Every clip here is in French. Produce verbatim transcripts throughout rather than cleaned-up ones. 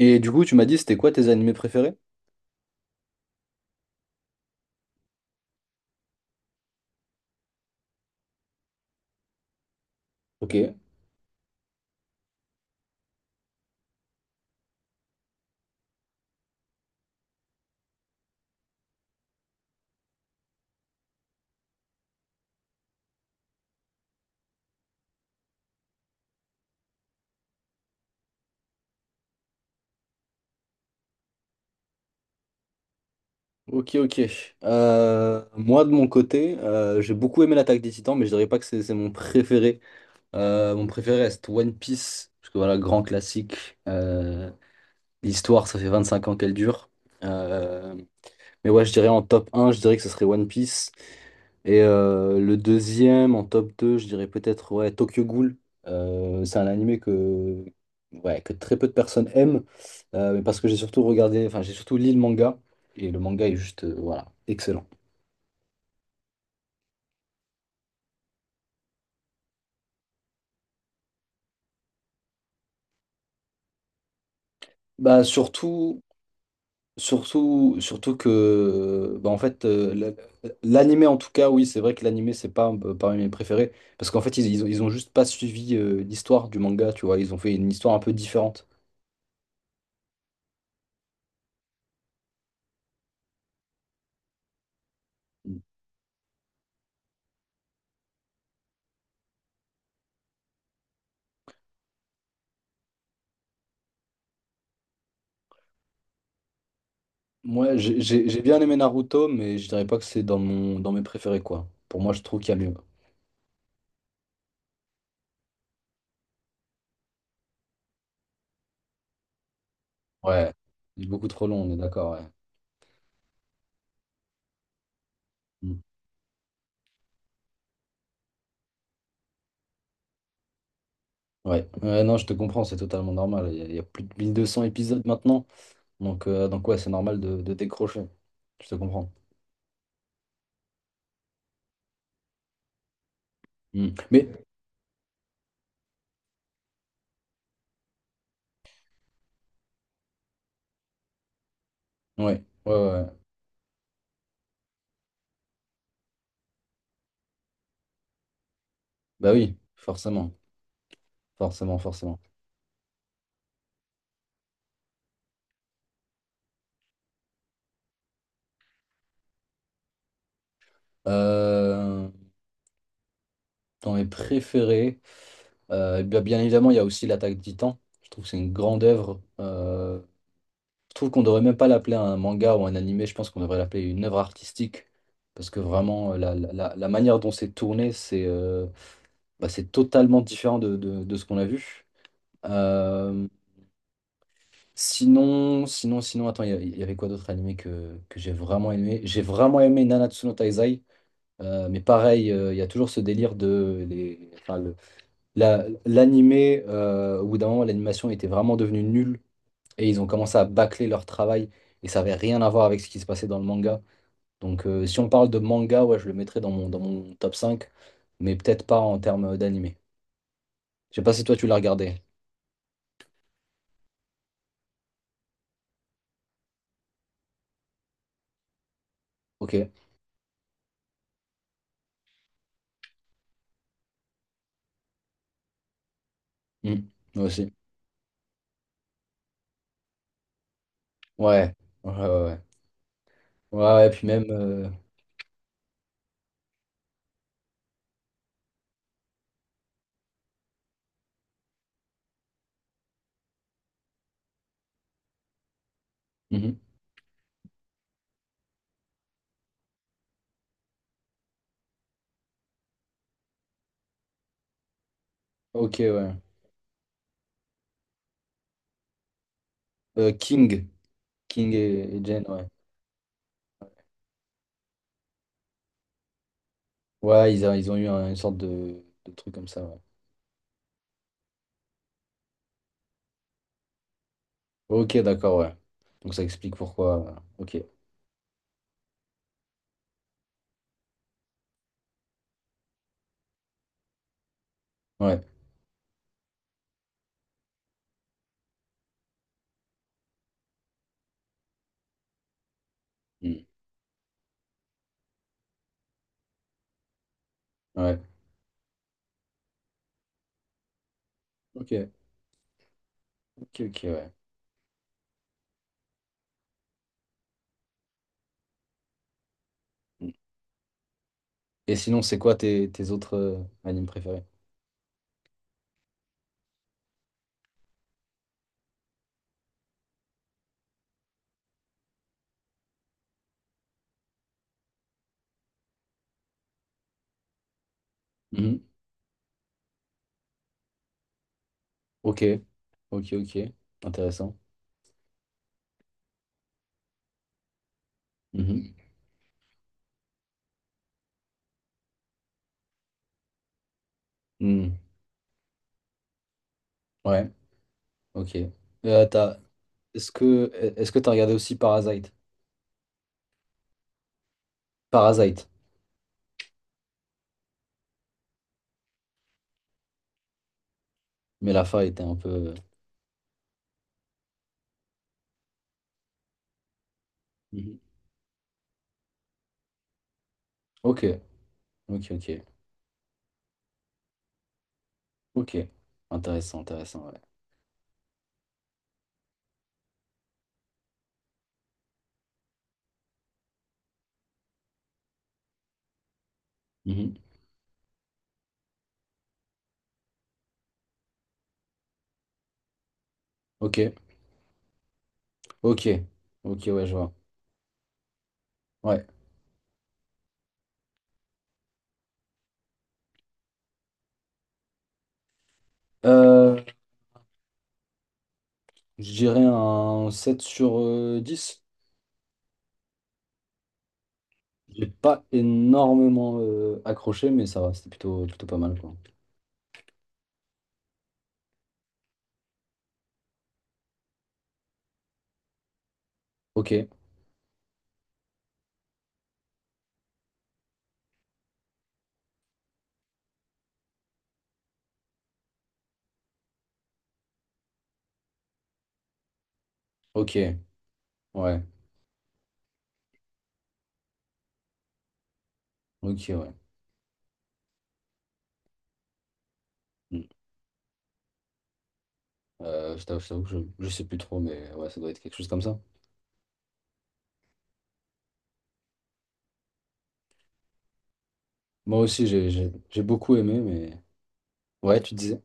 Et du coup, tu m'as dit, c'était quoi tes animés préférés? Ok. Ok, ok. Euh, moi, de mon côté, euh, j'ai beaucoup aimé l'Attaque des Titans, mais je dirais pas que c'est c'est mon préféré. Euh, mon préféré reste One Piece, parce que voilà, grand classique. Euh, l'histoire, ça fait vingt-cinq ans qu'elle dure. Euh, Mais ouais, je dirais en top un, je dirais que ce serait One Piece. Et euh, le deuxième, en top deux, je dirais peut-être ouais, Tokyo Ghoul. Euh, c'est un animé que, ouais, que très peu de personnes aiment, euh, mais parce que j'ai surtout regardé, enfin j'ai surtout lu le manga, et le manga est juste, euh, voilà, excellent. Bah surtout, surtout, surtout que, bah, en fait, euh, la- l'animé en tout cas, oui, c'est vrai que l'animé c'est pas euh, parmi mes préférés, parce qu'en fait ils, ils ont, ils ont juste pas suivi euh, l'histoire du manga, tu vois, ils ont fait une histoire un peu différente. Moi, j'ai j'ai- j'ai bien aimé Naruto, mais je dirais pas que c'est dans mon dans mes préférés, quoi. Pour moi, je trouve qu'il y a mieux. Ouais. Il est beaucoup trop long, on est d'accord, ouais. Mm. Ouais. Ouais, non, je te comprends, c'est totalement normal. Il y, a il y a plus de mille deux cents épisodes maintenant. Donc, euh, donc ouais, c'est normal de, de décrocher. Je te comprends. Mm. Mais, ouais, ouais, ouais, ouais. Bah oui, forcément. Forcément, forcément. Euh, Dans mes préférés, euh, bien bien évidemment, il y a aussi l'Attaque des Titans. Je trouve que c'est une grande œuvre. euh, Je trouve qu'on devrait même pas l'appeler un manga ou un animé, je pense qu'on devrait l'appeler une œuvre artistique. Parce que vraiment, euh, la, la- la- la manière dont c'est tourné, c'est euh, bah, c'est totalement différent de, de- de ce qu'on a vu. Euh, sinon, sinon, sinon, attends, il y, a- il y avait quoi d'autre animé que, que j'ai vraiment aimé? J'ai vraiment aimé Nanatsu no Taizai. Euh, mais pareil, euh, il y a toujours ce délire de les, enfin, le- la- l'animé, euh, au bout d'un moment, l'animation était vraiment devenue nulle. Et ils ont commencé à bâcler leur travail et ça avait rien à voir avec ce qui se passait dans le manga. Donc euh, si on parle de manga, ouais, je le mettrais dans mon, dans mon top cinq, mais peut-être pas en termes d'animé. Je sais pas si toi tu l'as regardé. Ok. Hmm. Moi aussi. Ouais. Ouais, ouais, ouais. Ouais, ouais, puis même. Euh, mhm. Ok, ouais. Euh, King. King et, et Jane, ouais. Ouais, ils, a- ils ont eu un- une sorte de, de truc comme ça, ouais. Ok, d'accord, ouais. Donc ça explique pourquoi. euh, Ok. Ouais. Hmm. Ouais. Ok. Ok, ok, ouais. Mmh. Et sinon, c'est quoi tes, tes autres euh, animes préférés? Mhm. Ok, ok, ok. Intéressant. Mhm. Hmm. Ouais, ok. Euh, t'as- Est-ce que Est-ce que t'as regardé aussi Parasite? Parasite. Mais la fin était un peu. Mhm. Ok, ok, ok. Ok. Intéressant, intéressant, ouais. Mhm. Ok, ok. Ok, ouais, je vois. Ouais. Euh, je dirais un sept sur euh, dix. J'ai pas énormément euh, accroché, mais ça va, c'était plutôt, plutôt pas mal, quoi. Ok. Ok, ouais, ok, ouais. Mm. Euh, je t'avoue, je t'avoue que je, je sais plus trop, mais ouais, ça doit être quelque chose comme ça. Moi aussi, j'ai j'ai- j'ai beaucoup aimé, mais ouais, tu disais.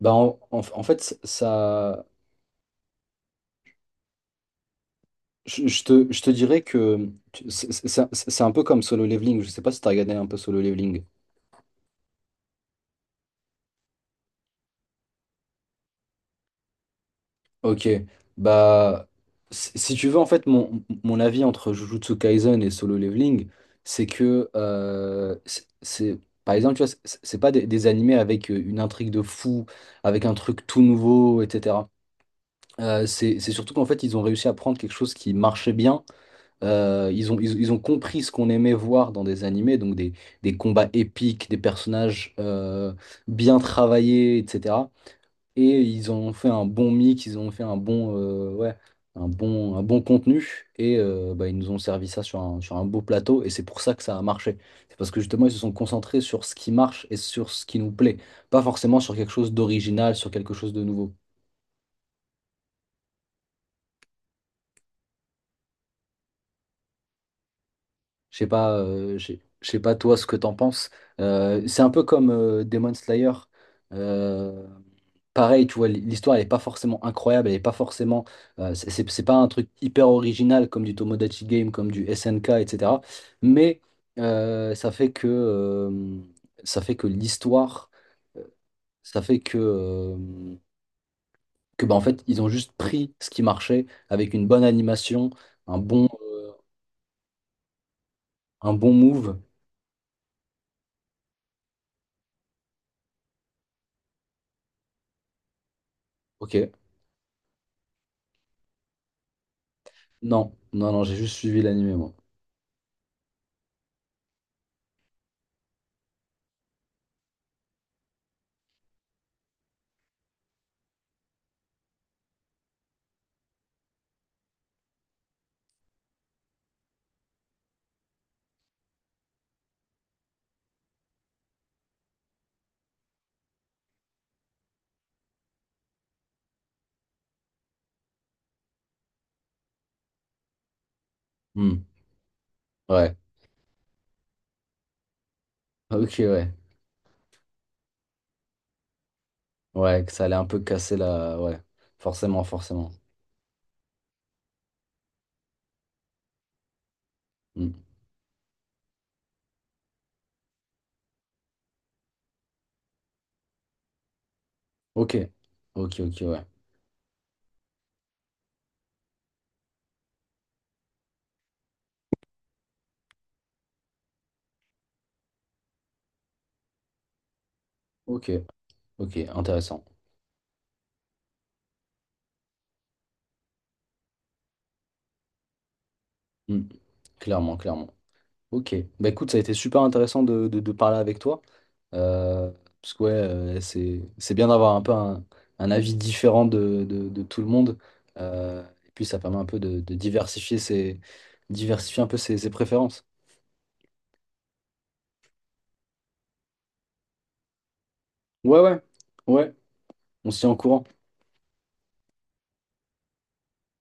Bah, en, en- en fait, ça. Je, je te, je te dirais que tu- c'est c'est- c'est- c'est un peu comme Solo Leveling. Je sais pas si t'as regardé un peu Solo Leveling. Ok, bah si si tu veux en fait mon, mon avis entre Jujutsu Kaisen et Solo Leveling, c'est que euh, c'est c'est- par exemple tu vois c'est c'est pas des, des animés avec euh, une intrigue de fou, avec un truc tout nouveau, et cetera. Euh, c'est c'est surtout qu'en fait ils ont réussi à prendre quelque chose qui marchait bien. Euh, ils ont ils, ils ont compris ce qu'on aimait voir dans des animés, donc des, des combats épiques, des personnages euh, bien travaillés, etc, et ils ont fait un bon mix, ils ont fait un bon, euh, ouais, un bon, un bon contenu et euh, bah, ils nous ont servi ça sur un, sur un beau plateau et c'est pour ça que ça a marché. C'est parce que justement ils se sont concentrés sur ce qui marche et sur ce qui nous plaît, pas forcément sur quelque chose d'original, sur quelque chose de nouveau. Je sais pas, euh, je je sais pas toi ce que t'en penses. Euh, c'est un peu comme euh, Demon Slayer. Euh, Pareil, tu vois, l'histoire elle est pas forcément incroyable, elle est pas forcément, euh, c'est c'est- c'est pas un truc hyper original comme du Tomodachi Game, comme du S N K, et cetera. Mais euh, ça fait que euh, ça fait que l'histoire, euh, ça fait que euh, que bah, en fait ils ont juste pris ce qui marchait avec une bonne animation, un bon un bon move. Ok. Non, non, non, j'ai juste suivi l'animé, moi. Hmm. Ouais. Ok, ouais. Ouais, que ça allait un peu casser la... Ouais. Forcément, forcément. Hmm. Ok. Ok, ok, ouais. Ok, ok, intéressant. Hmm. Clairement, clairement. Ok. Bah écoute, ça a été super intéressant de, de- de parler avec toi. Euh, parce que ouais, euh, c'est, c'est bien d'avoir un peu un, un avis différent de, de- de tout le monde. Euh, et puis ça permet un peu de, de diversifier ses, diversifier un peu ses ses préférences. Ouais, ouais. Ouais. On se tient au courant.